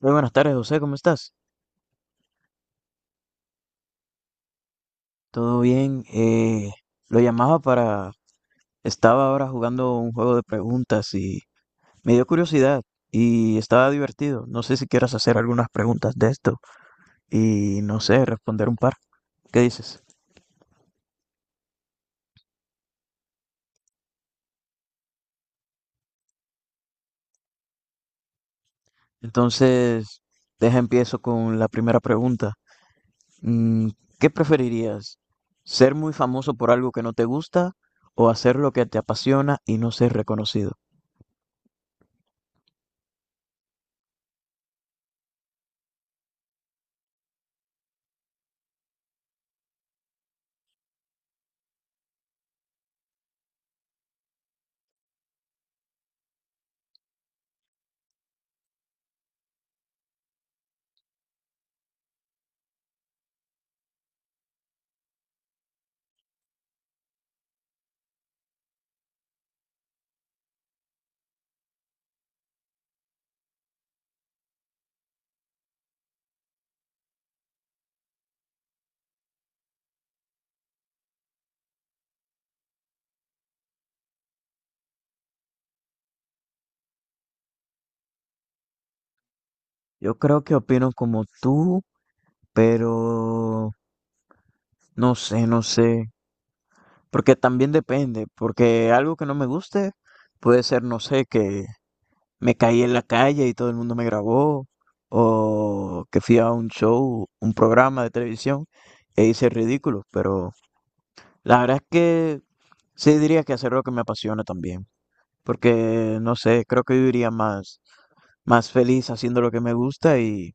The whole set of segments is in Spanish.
Muy buenas tardes, José, ¿cómo estás? ¿Todo bien? Lo llamaba para... Estaba ahora jugando un juego de preguntas y me dio curiosidad y estaba divertido. No sé si quieras hacer algunas preguntas de esto y no sé, responder un par. ¿Qué dices? Entonces, deja empiezo con la primera pregunta. Mm, ¿Qué preferirías? ¿Ser muy famoso por algo que no te gusta o hacer lo que te apasiona y no ser reconocido? Yo creo que opino como tú, pero no sé, porque también depende, porque algo que no me guste puede ser, no sé, que me caí en la calle y todo el mundo me grabó, o que fui a un show, un programa de televisión e hice ridículo, pero la verdad es que sí diría que hacer lo que me apasiona también. Porque no sé, creo que viviría más feliz haciendo lo que me gusta y,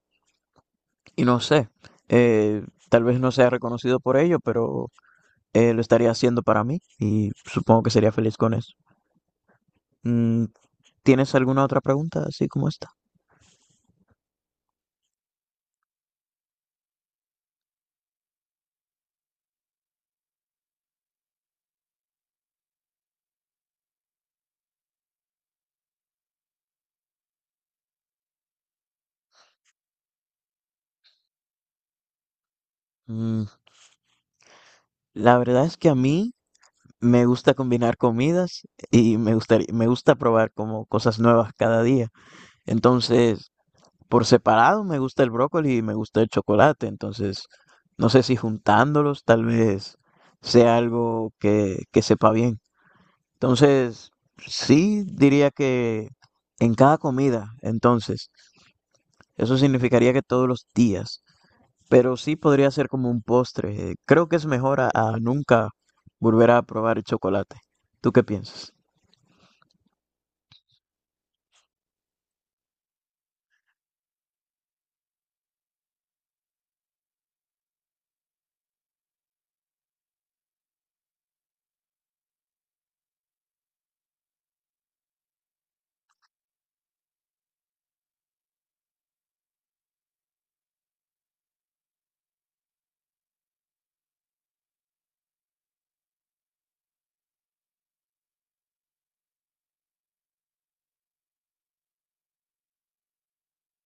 y no sé, eh, tal vez no sea reconocido por ello, pero lo estaría haciendo para mí y supongo que sería feliz con eso. Mm, ¿Tienes alguna otra pregunta así como esta? Mm, la verdad es que a mí me gusta combinar comidas y me gusta probar como cosas nuevas cada día. Entonces, por separado me gusta el brócoli y me gusta el chocolate, entonces no sé si juntándolos tal vez sea algo que sepa bien. Entonces, sí diría que en cada comida, entonces, eso significaría que todos los días, pero sí podría ser como un postre. Creo que es mejor a nunca volver a probar el chocolate. ¿Tú qué piensas?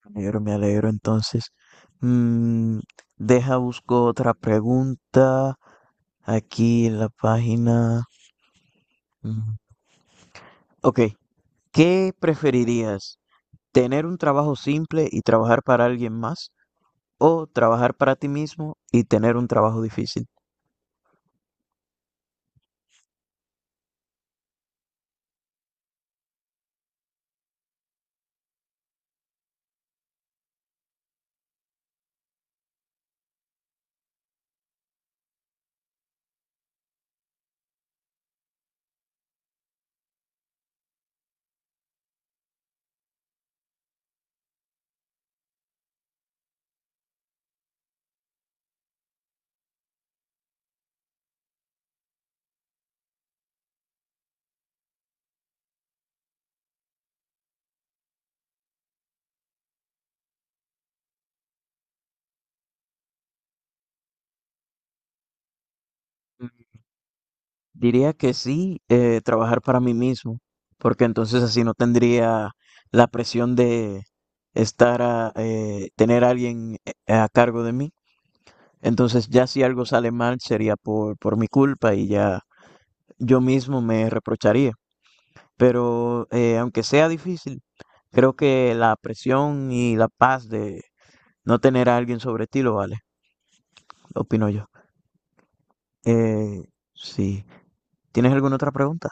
Me alegro entonces. Mm, Deja, busco otra pregunta. Aquí en la página. mm, Ok, ¿qué preferirías? ¿Tener un trabajo simple y trabajar para alguien más? ¿O trabajar para ti mismo y tener un trabajo difícil? Mm, Diría que sí, trabajar para mí mismo, porque entonces así no tendría la presión de estar tener a alguien a cargo de mí. Entonces ya si algo sale mal sería por mi culpa y ya yo mismo me reprocharía. Pero aunque sea difícil, creo que la presión y la paz de no tener a alguien sobre ti lo vale, opino yo. Eh, sí. ¿Tienes alguna otra pregunta?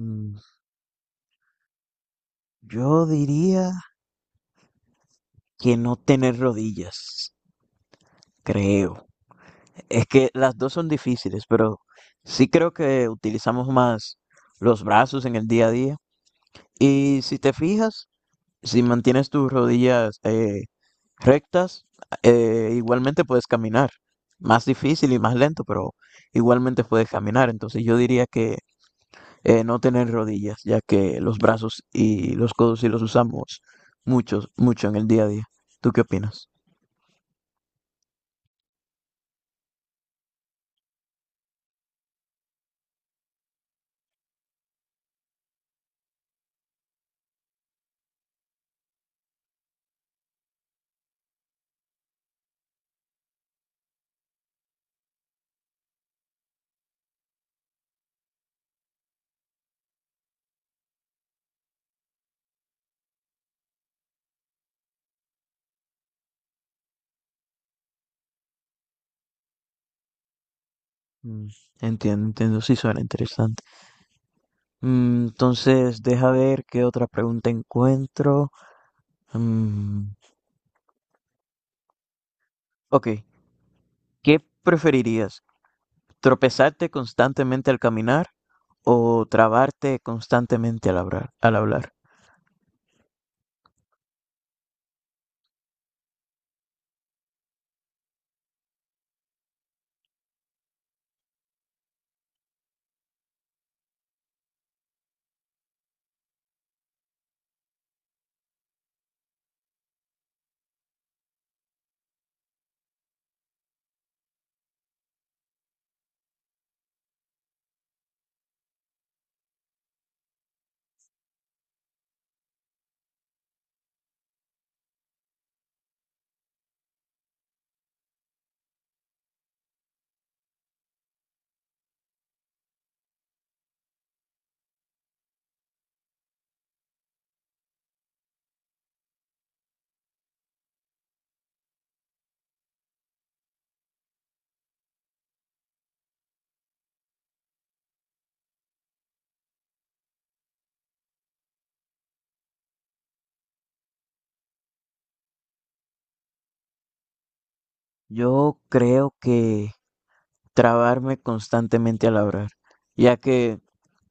Mm, Yo diría que no tener rodillas, creo. Es que las dos son difíciles, pero sí creo que utilizamos más los brazos en el día a día. Y si te fijas, si mantienes tus rodillas rectas, igualmente puedes caminar. Más difícil y más lento, pero igualmente puedes caminar. Entonces yo diría que no tener rodillas, ya que los brazos y los codos sí los usamos mucho en el día a día. ¿Tú qué opinas? Mm, Entiendo, entiendo, sí suena interesante. Entonces, deja ver qué otra pregunta encuentro. Mm, ok, ¿qué preferirías? ¿Tropezarte constantemente al caminar o trabarte constantemente al hablar, al hablar? Yo creo que trabarme constantemente al hablar, ya que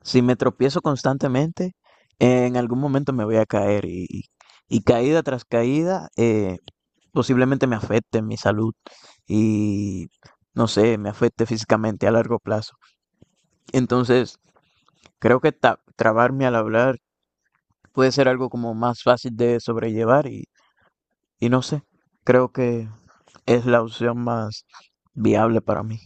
si me tropiezo constantemente, en algún momento me voy a caer, y caída tras caída posiblemente me afecte mi salud y no sé, me afecte físicamente a largo plazo. Entonces, creo que trabarme al hablar puede ser algo como más fácil de sobrellevar, y no sé, creo que es la opción más viable para mí.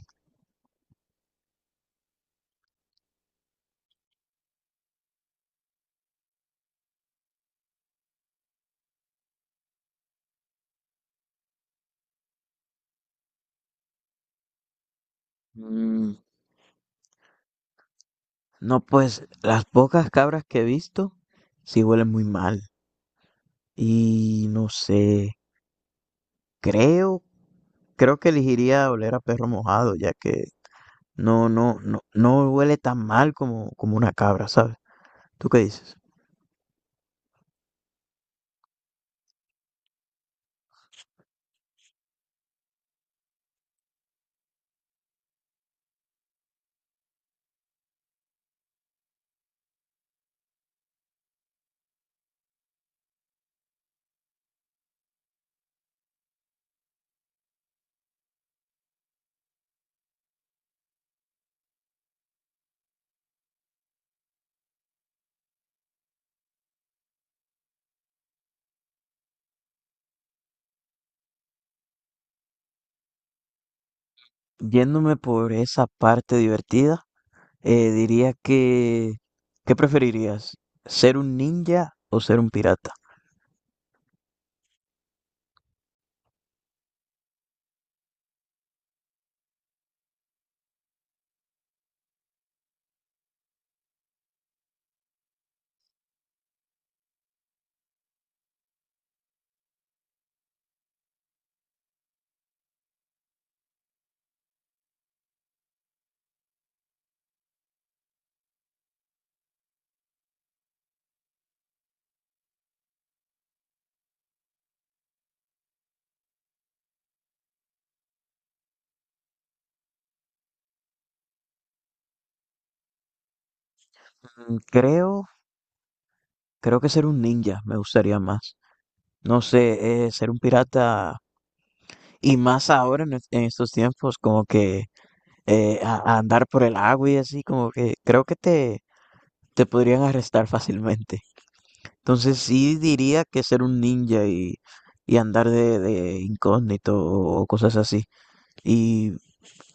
Mm, No, pues las pocas cabras que he visto sí huelen muy mal. Y no sé, creo, creo que elegiría oler a perro mojado, ya que no huele tan mal como una cabra, ¿sabes? ¿Tú qué dices? Yéndome por esa parte divertida, diría que, ¿qué preferirías? ¿Ser un ninja o ser un pirata? Mm, Creo, Creo que ser un ninja me gustaría más. No sé, ser un pirata y más ahora en estos tiempos, como que a andar por el agua y así, como que creo que te podrían arrestar fácilmente. Entonces sí diría que ser un ninja y andar de incógnito o cosas así. Y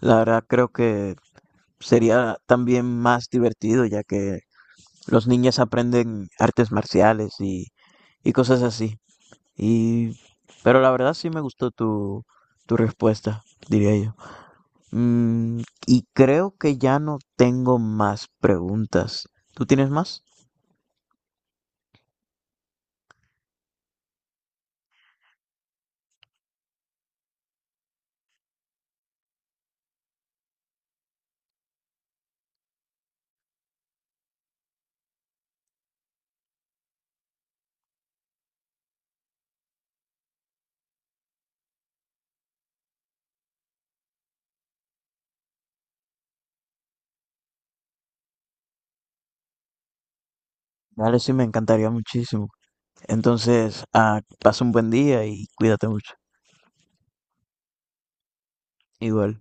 la verdad creo que sería también más divertido, ya que los ninjas aprenden artes marciales y cosas así. Y pero la verdad sí me gustó tu respuesta, diría yo. Mm, y creo que ya no tengo más preguntas. ¿Tú tienes más? Dale, sí, me encantaría muchísimo. Entonces, ah, pasa un buen día y cuídate mucho. Igual.